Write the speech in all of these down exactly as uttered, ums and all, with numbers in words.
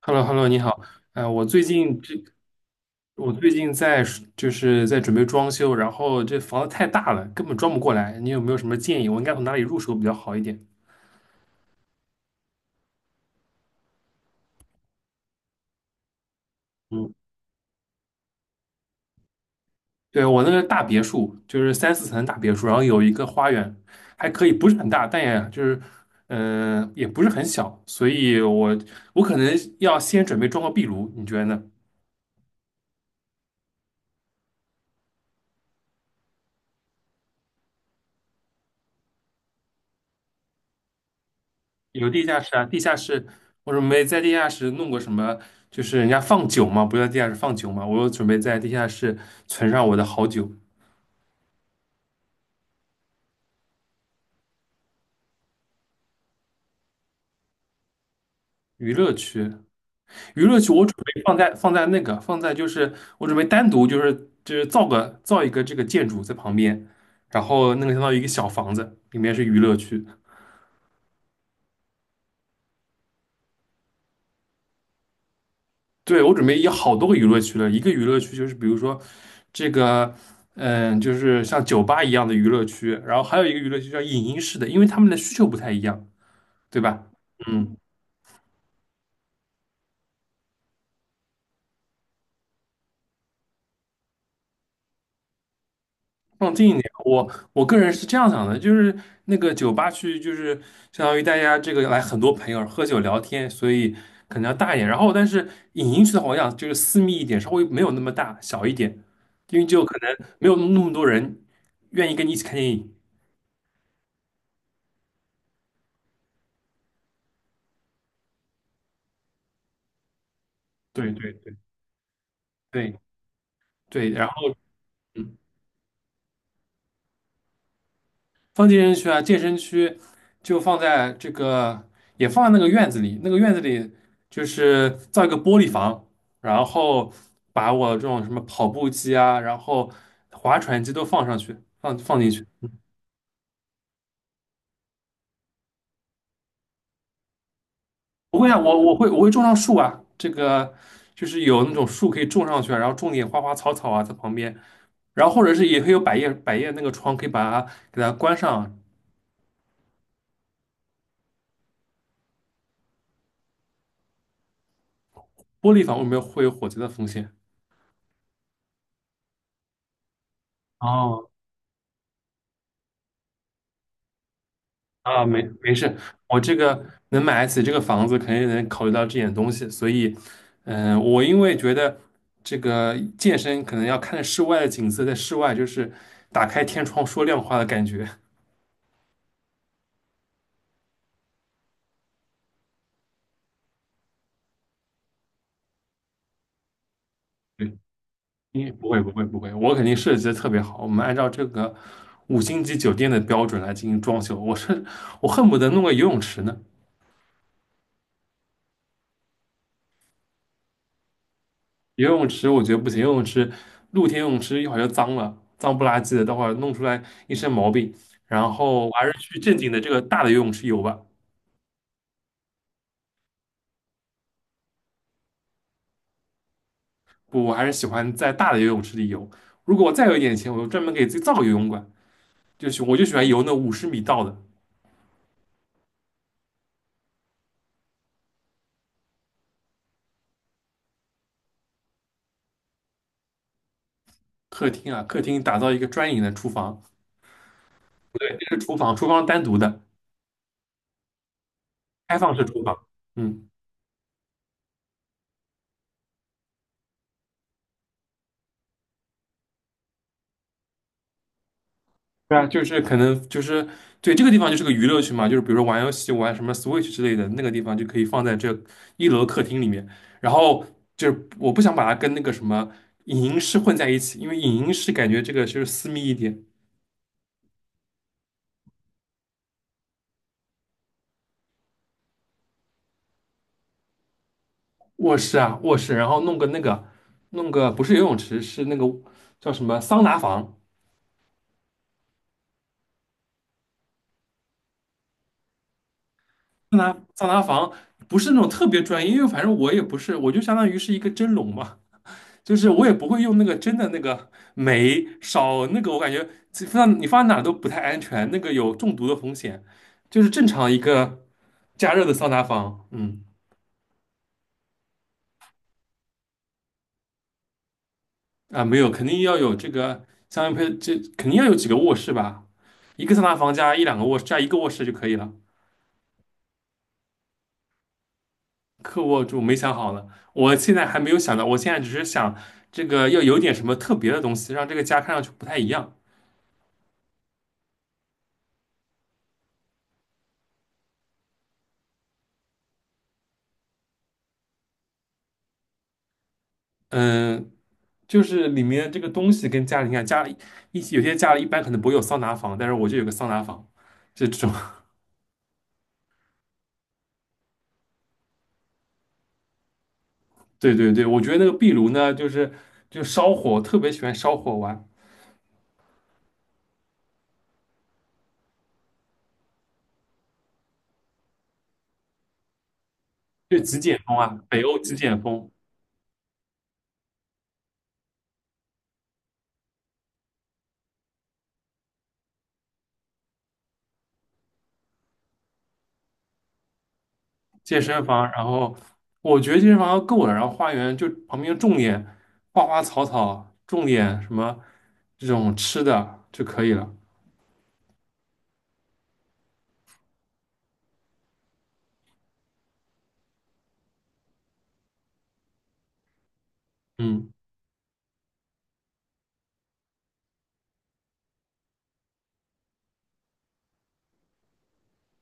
h e l l o h e l l o 你好。呃，我最近这，我最近在就是在准备装修，然后这房子太大了，根本装不过来。你有没有什么建议？我应该从哪里入手比较好一点？嗯，对，我那个大别墅，就是三四层的大别墅，然后有一个花园，还可以，不是很大，但也就是，嗯、也不是很小，所以我我可能要先准备装个壁炉，你觉得呢？有地下室啊，地下室我准备在地下室弄个什么，就是人家放酒嘛，不是在地下室放酒嘛，我准备在地下室存上我的好酒。娱乐区，娱乐区我准备放在放在那个放在就是我准备单独就是就是造个造一个这个建筑在旁边，然后那个相当于一个小房子，里面是娱乐区。对，我准备有好多个娱乐区了，一个娱乐区就是比如说这个，嗯，就是像酒吧一样的娱乐区，然后还有一个娱乐区叫影音室的，因为他们的需求不太一样，对吧？嗯，放近一点，我我个人是这样想的，就是那个酒吧区就是相当于大家这个来很多朋友喝酒聊天，所以可能要大一点。然后但是影音区的话，我想就是私密一点，稍微没有那么大，小一点，因为就可能没有那么多人愿意跟你一起看电影。对对对对。对，然后嗯放健身区啊，健身区就放在这个，也放在那个院子里，那个院子里就是造一个玻璃房，然后把我这种什么跑步机啊，然后划船机都放上去，放放进去。不会啊，我我会我会种上树啊，这个就是有那种树可以种上去啊，然后种点花花草草啊在旁边，然后或者是也可以有百叶百叶那个窗可以把它给它关上啊，玻璃房为什么会有火灾的风险？哦，啊，没没事，我这个能买得起这个房子，肯定能考虑到这点东西，所以，嗯、我因为觉得这个健身可能要看室外的景色，在室外就是打开天窗说亮话的感觉。对，因为不会不会不会，我肯定设计的特别好，我们按照这个五星级酒店的标准来进行装修，我是我恨不得弄个游泳池呢。游泳池我觉得不行，游泳池露天游泳池一会儿就脏了，脏不拉几的，待会儿弄出来一身毛病。然后我还是去正经的这个大的游泳池游吧。不，我还是喜欢在大的游泳池里游。如果我再有一点钱，我就专门给自己造个游泳馆，就喜我就喜欢游那五十米道的。客厅啊，客厅打造一个专营的厨房，不对，这是厨房，厨房单独的，开放式厨房。嗯。对啊，就是可能就是对这个地方就是个娱乐区嘛，就是比如说玩游戏、玩什么 Switch 之类的，那个地方就可以放在这一楼客厅里面。然后就是我不想把它跟那个什么影音室混在一起，因为影音室感觉这个就是私密一点。卧室啊，卧室，然后弄个那个，弄个不是游泳池，是那个叫什么桑拿房。桑拿桑拿房不是那种特别专业，因为反正我也不是，我就相当于是一个蒸笼嘛。就是我也不会用那个真的那个煤烧那个，我感觉这放你放在哪儿都不太安全，那个有中毒的风险。就是正常一个加热的桑拿房。嗯啊没有，肯定要有这个相应配，这肯定要有几个卧室吧，一个桑拿房加一两个卧室加一个卧室就可以了。客卧就没想好了，我现在还没有想到，我现在只是想这个要有点什么特别的东西，让这个家看上去不太一样。嗯，就是里面这个东西跟家里，你看家里一有些家里一般可能不会有桑拿房，但是我就有个桑拿房，这种。对对对，我觉得那个壁炉呢，就是就烧火，特别喜欢烧火玩，就极简风啊，北欧极简风，健身房，然后我觉得健身房够了，然后花园就旁边种点花花草草，种点什么这种吃的就可以了。嗯，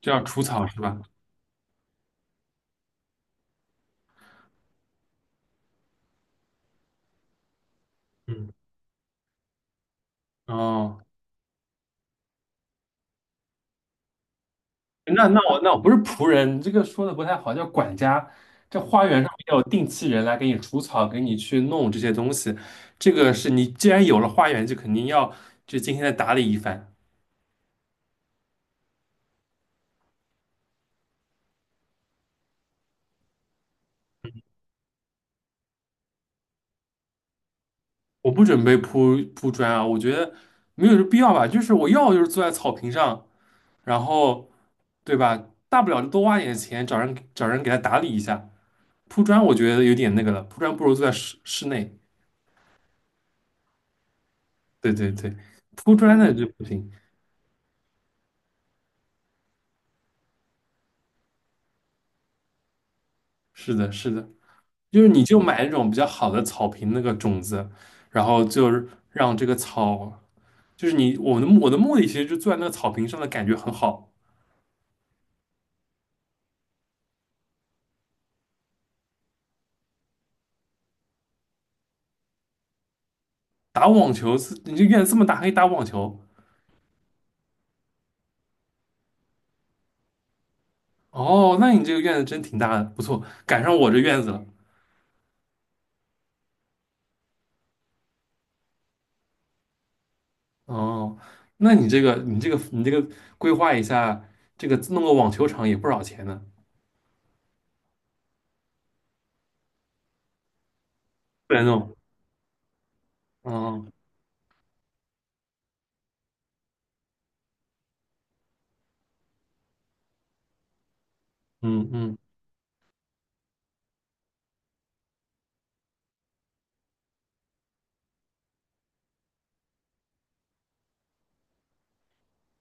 就要除草是吧？嗯，哦。那那我那我不是仆人，这个说的不太好，叫管家。这花园上面有定期人来给你除草，给你去弄这些东西。这个是你既然有了花园，就肯定要就今天再打理一番。我不准备铺铺砖啊，我觉得没有这必要吧。就是我要就是坐在草坪上，然后对吧？大不了就多花点钱找人找人给他打理一下。铺砖我觉得有点那个了，铺砖不如坐在室室内。对对对，铺砖的就不行。是的，是的。就是你就买那种比较好的草坪那个种子，然后就是让这个草，就是你我的目我的目的其实就坐在那个草坪上的感觉很好。打网球是，你这院子这么大还可以打网球，哦，那你这个院子真挺大的，不错，赶上我这院子了。哦，那你这个你这个你这个规划一下，这个弄个网球场也不少钱呢，不然弄。哦，嗯嗯。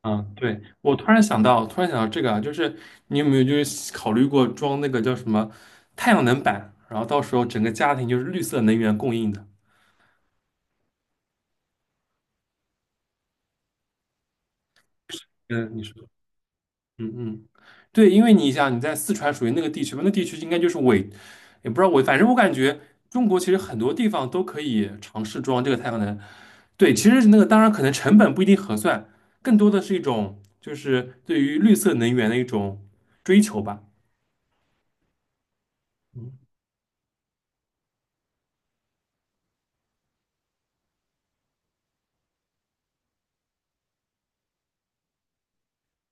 嗯，对，我突然想到，突然想到这个啊，就是你有没有就是考虑过装那个叫什么太阳能板，然后到时候整个家庭就是绿色能源供应的。嗯，你说，嗯嗯，对，因为你想你在四川属于那个地区嘛，那地区应该就是伪，也不知道伪，反正我感觉中国其实很多地方都可以尝试装这个太阳能。对，其实那个当然可能成本不一定合算，更多的是一种就是对于绿色能源的一种追求吧。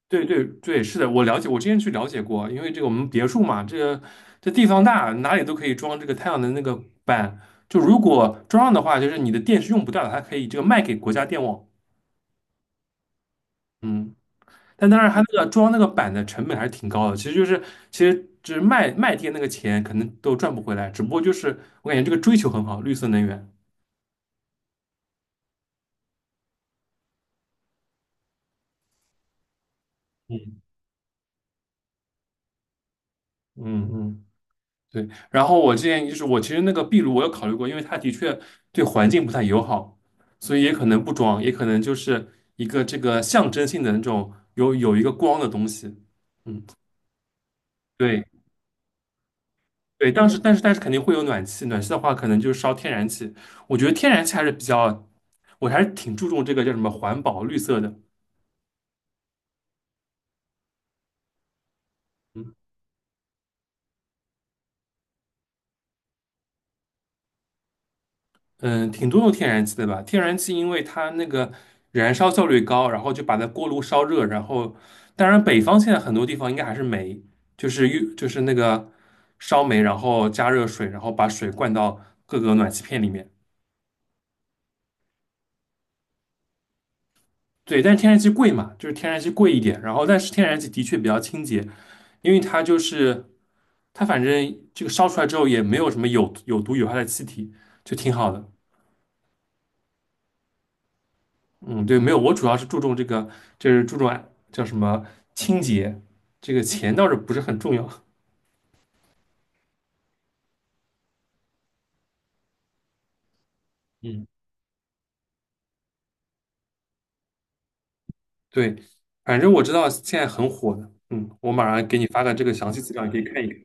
对对对，是的，我了解，我之前去了解过，因为这个我们别墅嘛，这个这地方大，哪里都可以装这个太阳能那个板。就如果装上的话，就是你的电是用不掉的，它可以这个卖给国家电网。嗯，但当然它那个装那个板的成本还是挺高的，其实就是其实只是卖卖电那个钱可能都赚不回来，只不过就是我感觉这个追求很好，绿色能源。嗯嗯嗯。对，然后我之前就是我其实那个壁炉我有考虑过，因为它的确对环境不太友好，所以也可能不装，也可能就是一个这个象征性的那种有有一个光的东西。嗯，对对，当时但是但是肯定会有暖气，暖气的话可能就是烧天然气，我觉得天然气还是比较，我还是挺注重这个叫什么环保绿色的。嗯嗯，挺多用天然气的吧？天然气因为它那个燃烧效率高，然后就把它锅炉烧热，然后当然北方现在很多地方应该还是煤，就是用就是那个烧煤，然后加热水，然后把水灌到各个暖气片里面。对，但是天然气贵嘛，就是天然气贵一点，然后但是天然气的确比较清洁，因为它就是它反正这个烧出来之后也没有什么有有毒有害的气体，就挺好的。嗯，对，没有，我主要是注重这个，就是注重啊叫什么清洁，这个钱倒是不是很重要。嗯，对，反正我知道现在很火的，嗯，我马上给你发个这个详细资料，你可以看一看。